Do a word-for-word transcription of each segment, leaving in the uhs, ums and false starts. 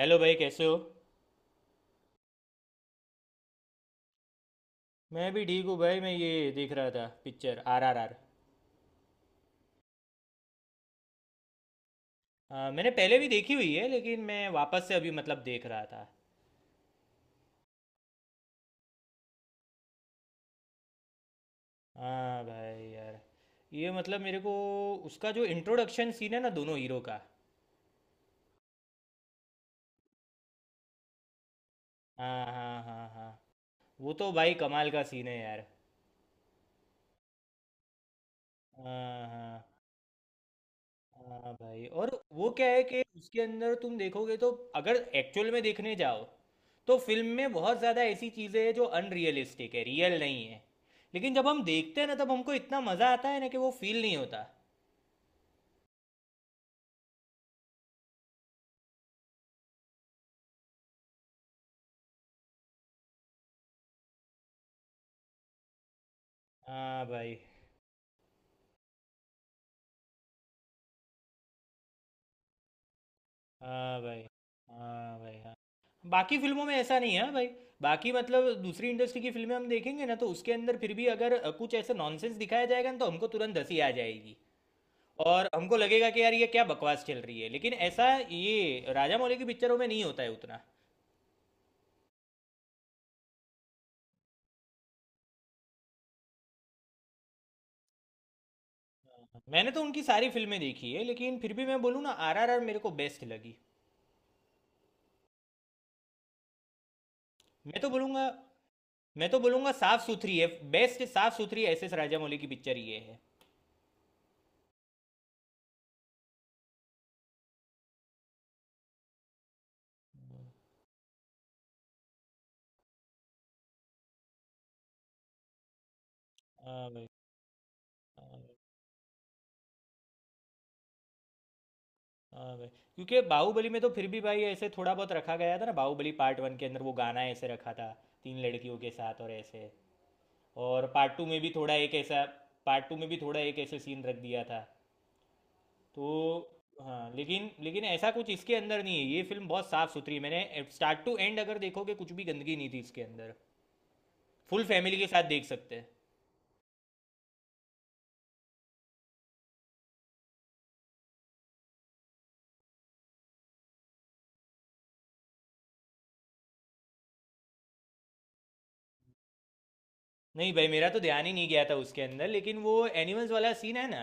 Hello भाई, कैसे हो? मैं भी ठीक हूँ भाई। मैं ये देख रहा था, पिक्चर आर आर आर। आ, मैंने पहले भी देखी हुई है, लेकिन मैं वापस से अभी मतलब देख रहा था। हाँ भाई यार। ये मतलब मेरे को, उसका जो इंट्रोडक्शन सीन है ना दोनों हीरो का। हाँ हाँ हाँ हाँ। वो तो भाई कमाल का सीन है यार। हाँ हाँ। हाँ भाई, और वो क्या है कि उसके अंदर तुम देखोगे तो, अगर एक्चुअल में देखने जाओ तो फिल्म में बहुत ज़्यादा ऐसी चीज़ें हैं जो अनरियलिस्टिक है, रियल नहीं है। लेकिन जब हम देखते हैं ना तब हमको इतना मज़ा आता है ना कि वो फील नहीं होता। हाँ भाई। हाँ भाई। हाँ भाई। हाँ, बाकी फिल्मों में ऐसा नहीं है। हाँ भाई, बाकी मतलब दूसरी इंडस्ट्री की फिल्में हम देखेंगे ना तो उसके अंदर फिर भी अगर अ, कुछ ऐसे नॉनसेंस दिखाया जाएगा ना तो हमको तुरंत हंसी आ जाएगी। और हमको लगेगा कि यार ये क्या बकवास चल रही है, लेकिन ऐसा ये राजा मौली की पिक्चरों में नहीं होता है उतना। मैंने तो उनकी सारी फिल्में देखी है, लेकिन फिर भी मैं बोलूँ ना, आर आर आर मेरे को बेस्ट लगी। मैं तो बोलूँगा, मैं तो बोलूँगा साफ सुथरी है। बेस्ट साफ सुथरी एस एस राजा मौली की पिक्चर ये है। हाँ भाई। हाँ भाई। हाँ भाई, क्योंकि बाहुबली में तो फिर भी भाई ऐसे थोड़ा बहुत रखा गया था ना। बाहुबली पार्ट वन के अंदर वो गाना ऐसे रखा था तीन लड़कियों के साथ, और ऐसे। और पार्ट टू में भी थोड़ा एक ऐसा, पार्ट टू में भी थोड़ा एक ऐसे सीन रख दिया था। तो हाँ, लेकिन लेकिन ऐसा कुछ इसके अंदर नहीं है। ये फिल्म बहुत साफ सुथरी है। मैंने स्टार्ट टू एंड अगर देखोगे कुछ भी गंदगी नहीं थी इसके अंदर। फुल फैमिली के साथ देख सकते हैं। नहीं भाई, मेरा तो ध्यान ही नहीं गया था उसके अंदर, लेकिन वो एनिमल्स वाला सीन है ना,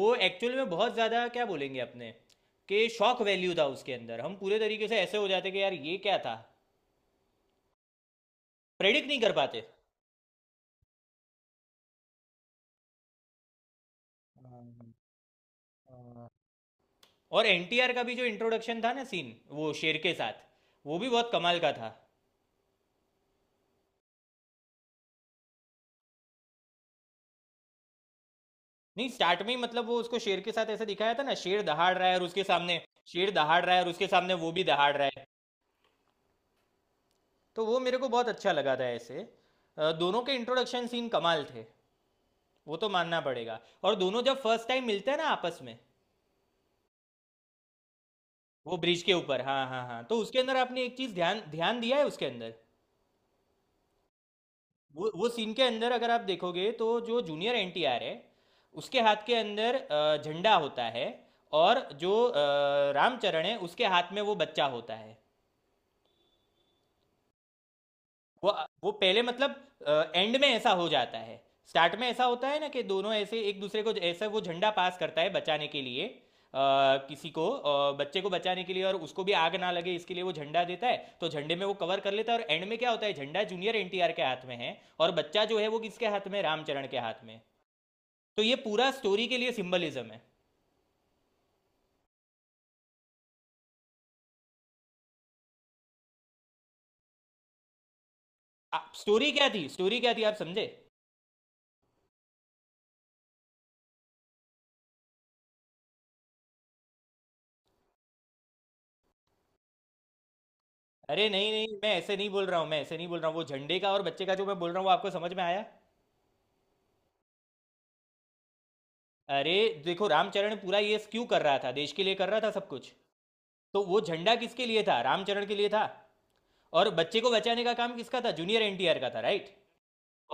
वो एक्चुअल में बहुत ज़्यादा क्या बोलेंगे अपने, कि शॉक वैल्यू था उसके अंदर। हम पूरे तरीके से ऐसे हो जाते कि यार ये क्या था, प्रेडिक्ट नहीं कर पाते। हाँ, हाँ। और एन टी आर का भी जो इंट्रोडक्शन था ना सीन, वो शेर के साथ, वो भी बहुत कमाल का था। नहीं स्टार्ट में ही मतलब वो उसको शेर के साथ ऐसा दिखाया था ना, शेर दहाड़ रहा है और उसके सामने, शेर दहाड़ रहा है और उसके सामने वो भी दहाड़ रहा है। तो वो मेरे को बहुत अच्छा लगा था ऐसे। अ, दोनों के इंट्रोडक्शन सीन कमाल थे, वो तो मानना पड़ेगा। और दोनों जब फर्स्ट टाइम मिलते हैं ना आपस में, वो ब्रिज के ऊपर, हाँ हाँ हाँ, तो उसके अंदर आपने एक चीज़ ध्यान ध्यान दिया है उसके अंदर? वो वो सीन के अंदर अगर आप देखोगे तो जो जूनियर एन टी आर है, उसके हाथ के अंदर अ, झंडा होता है। और जो अ, रामचरण है, उसके हाथ में वो बच्चा होता है। वो वो पहले मतलब, एंड में ऐसा हो जाता है। स्टार्ट में ऐसा होता है ना कि दोनों ऐसे एक दूसरे को ऐसे वो झंडा पास करता है बचाने के लिए, अ, किसी को, अ, बच्चे को बचाने के लिए। और उसको भी आग ना लगे इसके लिए वो झंडा देता है, तो झंडे में वो कवर कर लेता है। और एंड में क्या होता है? झंडा जूनियर एन टी आर के हाथ में है, और बच्चा जो है वो किसके हाथ में? रामचरण के हाथ में। तो ये पूरा स्टोरी के लिए सिंबलिज्म है। आ, स्टोरी क्या थी, स्टोरी क्या थी आप समझे? अरे नहीं नहीं, मैं ऐसे नहीं बोल रहा हूँ, मैं ऐसे नहीं बोल रहा हूँ। वो झंडे का और बच्चे का जो मैं बोल रहा हूँ, वो आपको समझ में आया? अरे देखो, रामचरण पूरा ये क्यों कर रहा था? देश के लिए कर रहा था सब कुछ। तो वो झंडा किसके लिए था? रामचरण के लिए था। और बच्चे को बचाने का काम किसका था? जूनियर एनटीआर का था, राइट?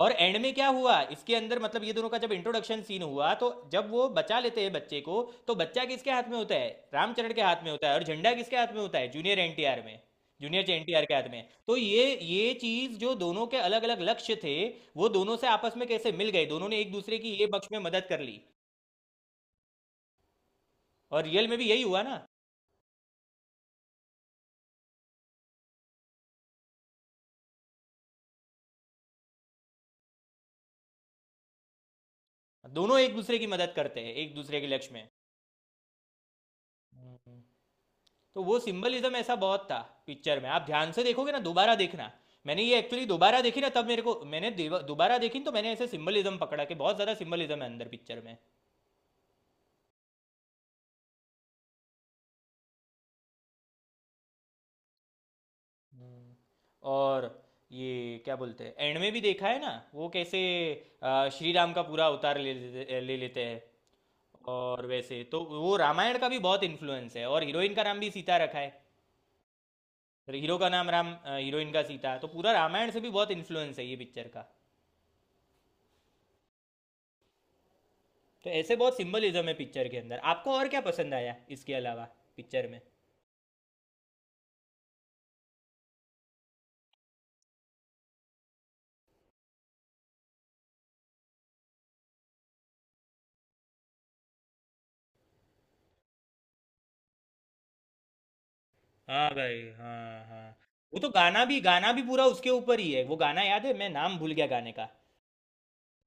और एंड में क्या हुआ इसके अंदर? मतलब ये दोनों का जब इंट्रोडक्शन सीन हुआ तो जब वो बचा लेते हैं बच्चे को, तो बच्चा किसके हाथ में होता है? रामचरण के हाथ में होता है। और झंडा किसके हाथ में होता है? जूनियर एनटीआर में, जूनियर एनटीआर के हाथ में। तो ये ये चीज जो दोनों के अलग अलग लक्ष्य थे, वो दोनों से आपस में कैसे मिल गए, दोनों ने एक दूसरे की ये पक्ष में मदद कर ली। और रियल में भी यही हुआ ना, दोनों एक दूसरे की मदद करते हैं एक दूसरे के लक्ष्य में। हम्म। तो वो सिंबलिज्म ऐसा बहुत था पिक्चर में, आप ध्यान से देखोगे ना दोबारा देखना। मैंने ये एक्चुअली दोबारा देखी ना, तब मेरे को, मैंने देव- दोबारा देखी तो मैंने ऐसे सिंबलिज्म पकड़ा कि बहुत ज़्यादा सिंबलिज्म है अंदर पिक्चर में। हम्म। और ये क्या बोलते हैं, एंड में भी देखा है ना वो कैसे अ, श्री राम का पूरा अवतार ले लेते ले लेते हैं। और वैसे तो वो रामायण का भी बहुत इन्फ्लुएंस है, और हीरोइन का नाम भी सीता रखा है। तो हीरो का नाम राम, हीरोइन का सीता, तो पूरा रामायण से भी बहुत इन्फ्लुएंस है ये पिक्चर का। तो ऐसे बहुत सिंबलिज्म है पिक्चर के अंदर। आपको और क्या पसंद आया इसके अलावा पिक्चर में? हाँ भाई, हाँ हाँ, वो तो गाना भी गाना भी पूरा उसके ऊपर ही है। वो गाना याद है, मैं नाम भूल गया गाने का।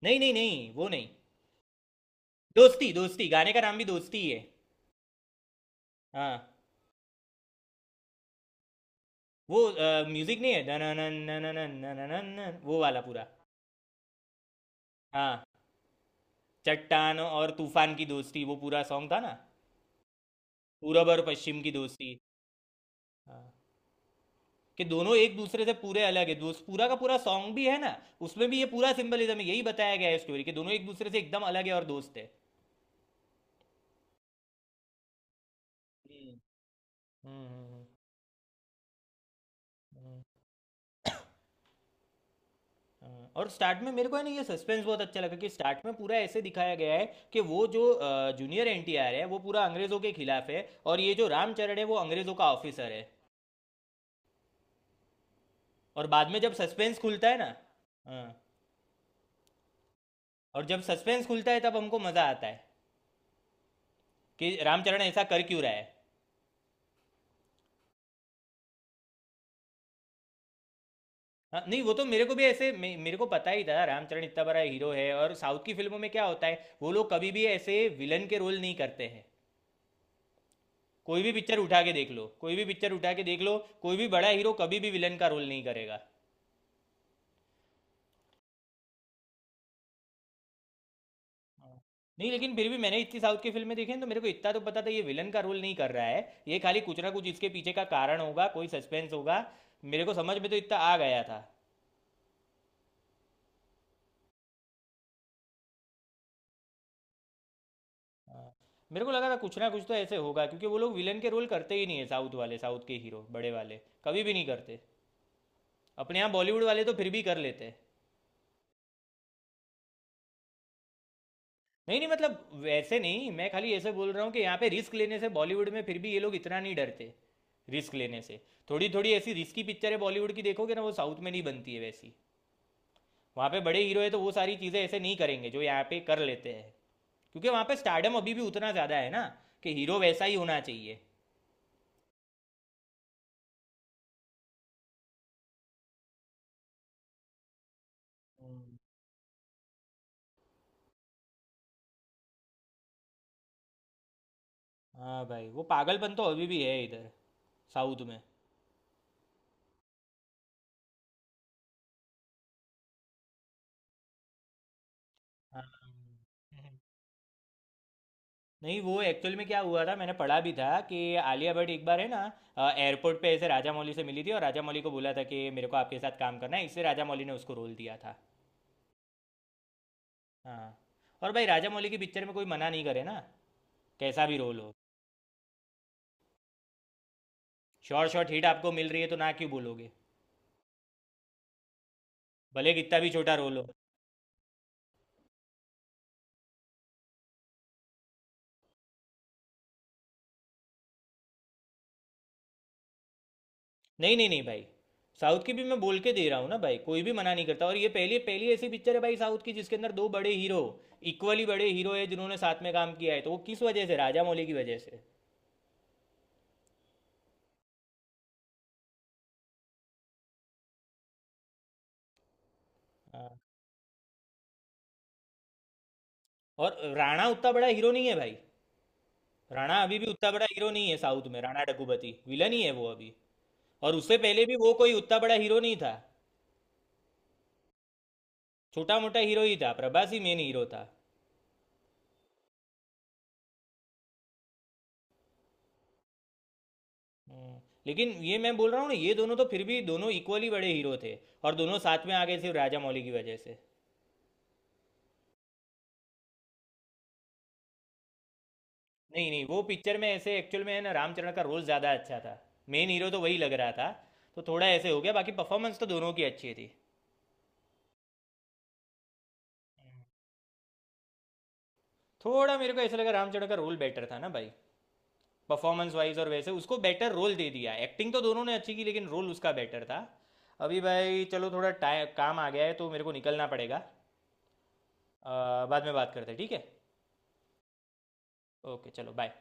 नहीं नहीं नहीं वो नहीं, दोस्ती, दोस्ती गाने का नाम भी दोस्ती ही है। हाँ। वो म्यूजिक नहीं है, दननन, नननन, नननन, वो वाला पूरा। हाँ, चट्टान और तूफान की दोस्ती, वो पूरा सॉन्ग था ना, पूरब और पश्चिम की दोस्ती। हाँ, कि दोनों एक दूसरे से पूरे अलग है, दोस्त, पूरा का पूरा सॉन्ग भी है ना। उसमें भी ये पूरा सिंबलिज्म है, यही बताया गया है स्टोरी कि दोनों एक दूसरे से एकदम अलग है और दोस्त है। हम्म। हम्म। हम्म। हम्म। हाँ, और स्टार्ट में मेरे को है ना ये सस्पेंस बहुत अच्छा लगा, कि स्टार्ट में पूरा ऐसे दिखाया गया है कि वो जो जूनियर एनटीआर है वो पूरा अंग्रेज़ों के खिलाफ है, और ये जो रामचरण है वो अंग्रेज़ों का ऑफिसर है। और बाद में जब सस्पेंस खुलता है ना, हाँ, और जब सस्पेंस खुलता है तब हमको मज़ा आता है कि रामचरण ऐसा कर क्यों रहा है। हाँ, नहीं वो तो मेरे को भी ऐसे मे, मेरे को पता ही था, रामचरण इतना बड़ा हीरो है, और साउथ की फिल्मों में क्या होता है वो लोग कभी भी ऐसे विलन के रोल नहीं करते हैं। कोई भी पिक्चर उठा के देख लो, कोई भी पिक्चर उठा के देख लो, कोई भी बड़ा हीरो कभी भी विलन का रोल नहीं करेगा। हाँ। नहीं लेकिन फिर भी मैंने इतनी साउथ की फिल्में देखी हैं तो मेरे को इतना तो पता था, ये विलन का रोल नहीं कर रहा है, ये खाली कुछ ना कुछ इसके पीछे का कारण होगा, कोई सस्पेंस होगा। मेरे को समझ में तो इतना आ गया था। हाँ। मेरे को लगा था कुछ ना कुछ तो ऐसे होगा, क्योंकि वो लोग विलन के रोल करते ही नहीं है, साउथ वाले, साउथ के हीरो बड़े वाले, कभी भी नहीं करते। अपने यहाँ बॉलीवुड वाले तो फिर भी कर लेते हैं। नहीं नहीं, मतलब वैसे नहीं, मैं खाली ऐसे बोल रहा हूँ कि यहाँ पे रिस्क लेने से बॉलीवुड में फिर भी ये लोग इतना नहीं डरते, रिस्क लेने से। थोड़ी थोड़ी ऐसी रिस्की पिक्चरें बॉलीवुड की देखोगे ना, वो साउथ में नहीं बनती है वैसी। वहाँ पे बड़े हीरो है, तो वो सारी चीज़ें ऐसे नहीं करेंगे जो यहाँ पे कर लेते हैं, क्योंकि वहाँ पे स्टार्डम अभी भी उतना ज़्यादा है ना, कि हीरो वैसा ही होना चाहिए। हम्म। हाँ भाई, वो पागलपन तो अभी भी है इधर साउथ में। हाँ। हम्म, नहीं वो एक्चुअल में क्या हुआ था, मैंने पढ़ा भी था कि आलिया भट्ट एक बार है ना, एयरपोर्ट पे ऐसे राजा मौली से मिली थी, और राजा मौली को बोला था कि मेरे को आपके साथ काम करना है, इससे राजा मौली ने उसको रोल दिया था। हाँ, और भाई राजा मौली की पिक्चर में कोई मना नहीं करे ना, कैसा भी रोल हो। शॉर्ट शॉर्ट हिट आपको मिल रही है तो ना क्यों बोलोगे, भले कितना भी छोटा रोल हो। नहीं नहीं नहीं भाई, साउथ की भी मैं बोल के दे रहा हूँ ना भाई, कोई भी मना नहीं करता। और ये पहली पहली ऐसी पिक्चर है भाई साउथ की जिसके अंदर दो बड़े हीरो, इक्वली बड़े हीरो है जिन्होंने साथ में काम किया है। तो वो किस वजह से? राजा मौली की वजह से। हाँ। और राणा उतना बड़ा हीरो नहीं है भाई, राणा अभी भी उतना बड़ा हीरो नहीं है साउथ में। राणा डग्गुबाती विलन ही है वो अभी, और उससे पहले भी वो कोई उतना बड़ा हीरो नहीं था। छोटा मोटा हीरो ही था, प्रभास ही मेन हीरो था। हम्म। लेकिन ये मैं बोल रहा हूँ ना, ये दोनों तो फिर भी दोनों इक्वली बड़े हीरो थे, और दोनों साथ में आ गए सिर्फ राजा मौली की वजह से। नहीं नहीं, वो पिक्चर में ऐसे एक्चुअल में है ना रामचरण का रोल ज़्यादा अच्छा था, मेन हीरो तो वही लग रहा था। तो थोड़ा ऐसे हो गया, बाकी परफॉर्मेंस तो दोनों की अच्छी थी। थोड़ा मेरे को ऐसा लगा रामचरण का रोल बेटर था ना भाई, परफॉर्मेंस वाइज, और वैसे उसको बेटर रोल दे दिया। एक्टिंग तो दोनों ने अच्छी की, लेकिन रोल उसका बेटर था। अभी भाई चलो थोड़ा टाइम काम आ गया है तो मेरे को निकलना पड़ेगा। अ, बाद में बात करते हैं, ठीक है? ओके चलो बाय।